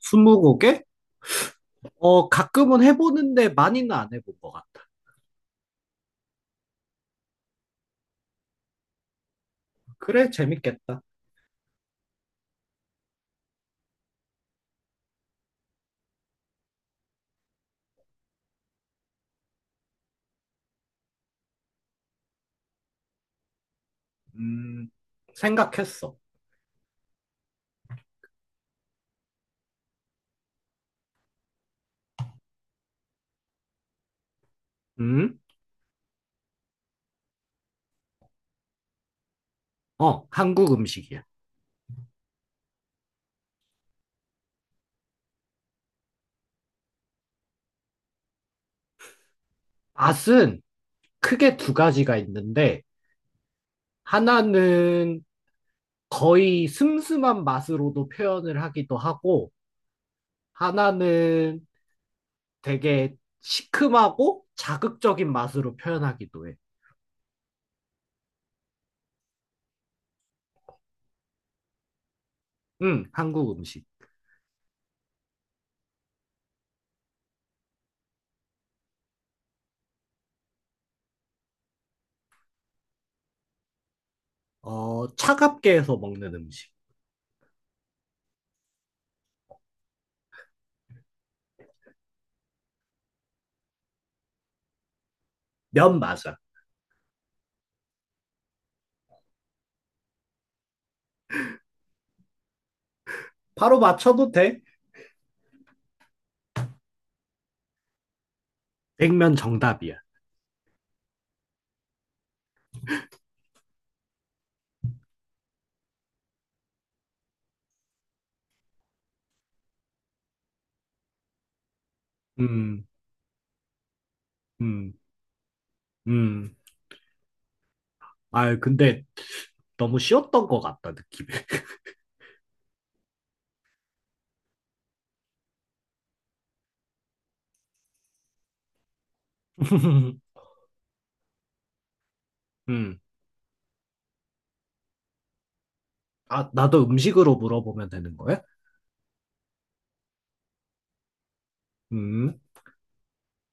스무고개? 가끔은 해보는데 많이는 안 해본 것 같다. 그래, 재밌겠다. 음, 생각했어. 음? 한국 음식이야. 맛은 크게 두 가지가 있는데, 하나는 거의 슴슴한 맛으로도 표현을 하기도 하고, 하나는 되게 시큼하고 자극적인 맛으로 표현하기도 해. 응, 한국 음식. 차갑게 해서 먹는 음식. 면 맞아. 바로 맞춰도 돼. 백면 정답이야. 음, 음, 음. 아, 근데 너무 쉬웠던 것 같다, 느낌. 음. 아, 나도 음식으로 물어보면 되는 거야? 음.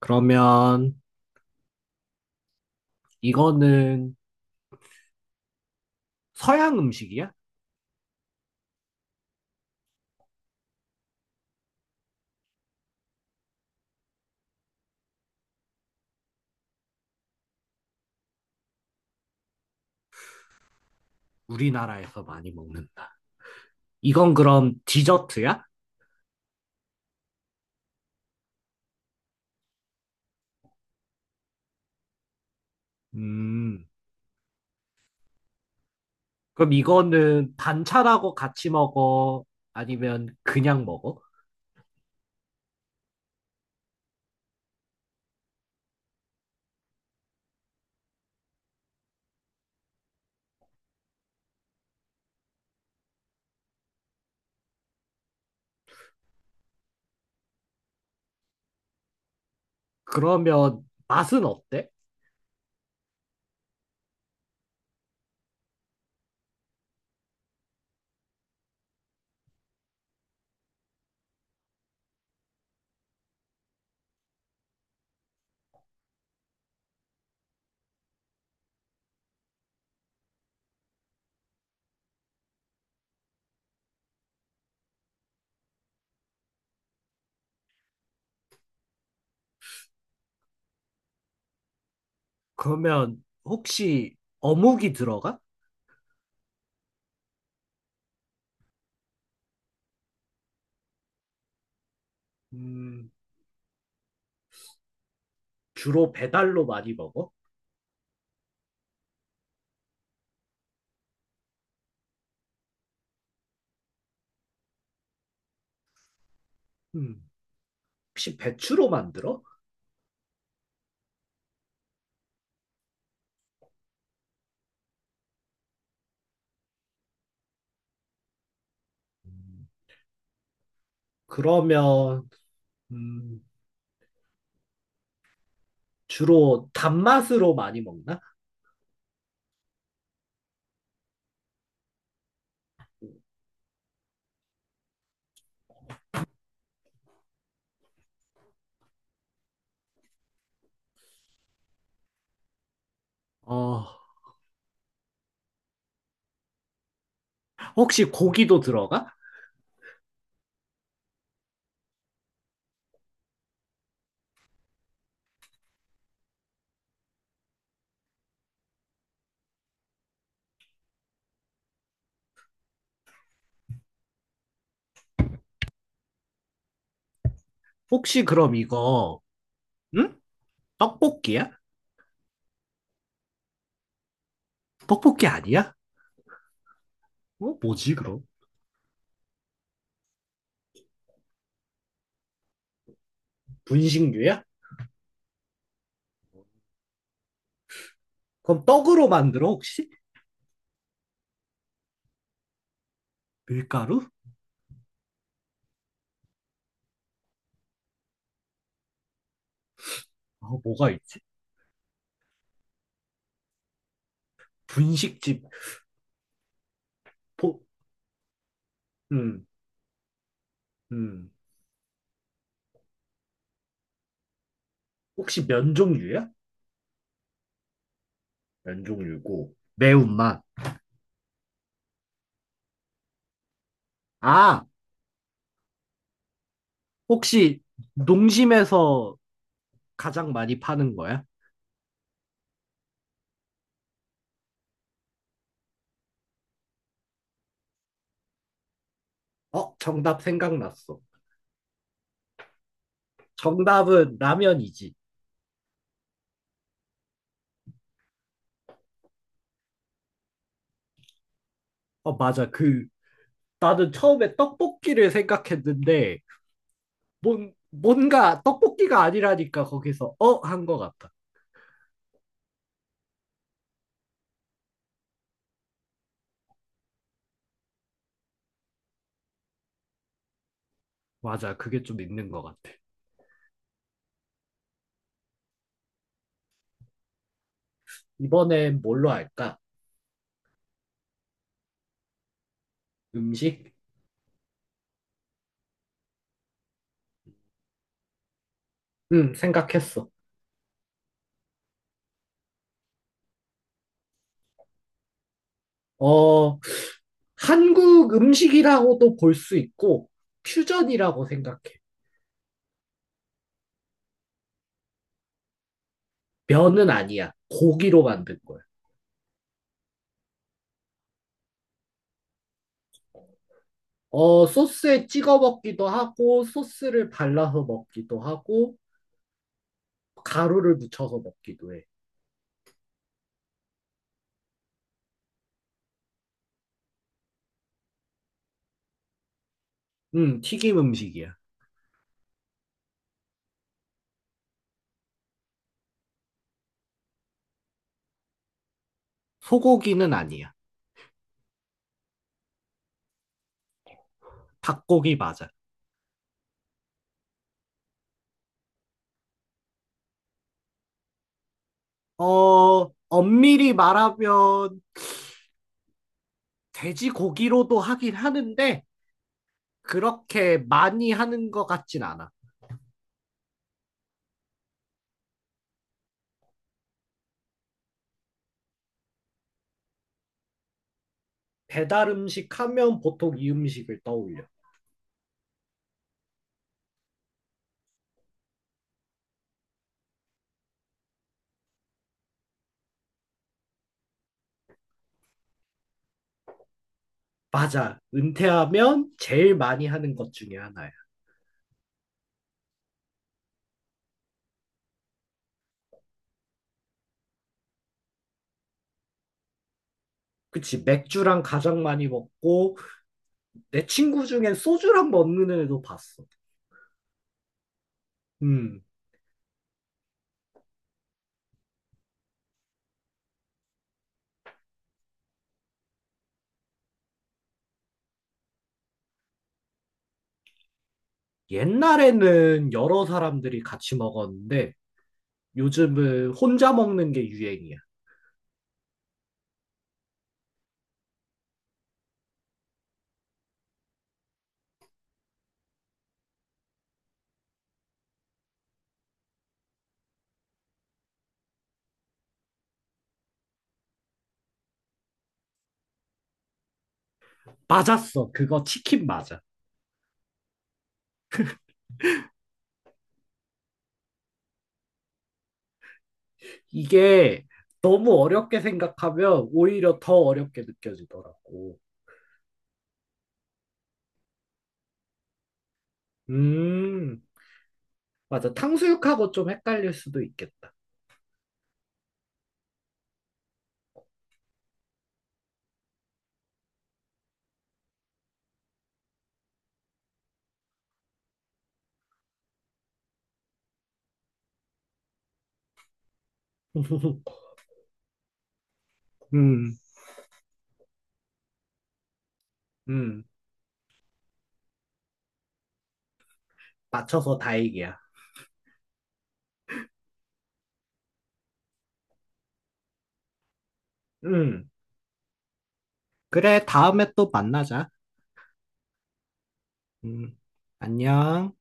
그러면 이거는 서양 음식이야? 우리나라에서 많이 먹는다. 이건 그럼 디저트야? 음. 그럼 이거는 반찬하고 같이 먹어? 아니면 그냥 먹어? 그러면 맛은 어때? 그러면 혹시 어묵이 들어가? 음. 주로 배달로 많이 먹어? 음. 혹시 배추로 만들어? 음. 그러면 음, 주로 단맛으로 많이 먹나? 어, 혹시 고기도 들어가? 혹시 그럼 이거 응? 떡볶이야? 떡볶이 아니야? 어, 뭐지 그럼? 분식류야? 그럼 떡으로 만들어 혹시? 밀가루? 어, 뭐가 있지? 분식집. 포, 음, 음. 혹시 면 종류야? 면 종류고 매운맛. 아, 혹시 농심에서 가장 많이 파는 거야? 어, 정답 생각났어. 정답은 라면이지. 어, 맞아. 그, 나는 처음에 떡볶이를 생각했는데, 뭔가 떡볶이가 아니라니까 거기서 어? 한 거 같아. 맞아. 그게 좀 있는 거 같아. 이번엔 뭘로 할까? 음식? 응, 생각했어. 어, 한국 음식이라고도 볼 수 있고, 퓨전이라고 생각해. 면은 아니야. 고기로 만든 거야. 어, 소스에 찍어 먹기도 하고, 소스를 발라서 먹기도 하고, 가루를 묻혀서 먹기도 해. 튀김 음식이야. 소고기는 아니야. 닭고기 맞아. 어, 엄밀히 말하면 돼지고기로도 하긴 하는데, 그렇게 많이 하는 것 같진 않아. 배달 음식 하면 보통 이 음식을 떠올려. 맞아. 은퇴하면 제일 많이 하는 것 중에 하나야. 그치. 맥주랑 가장 많이 먹고, 내 친구 중엔 소주랑 먹는 애도 봤어. 음. 옛날에는 여러 사람들이 같이 먹었는데 요즘은 혼자 먹는 게 유행이야. 맞았어. 그거 치킨 맞아. 이게 너무 어렵게 생각하면 오히려 더 어렵게 느껴지더라고. 음. 맞아. 탕수육하고 좀 헷갈릴 수도 있겠다. 음. 음. 맞춰서 다행이야. 음. 그래, 다음에 또 만나자. 음. 안녕.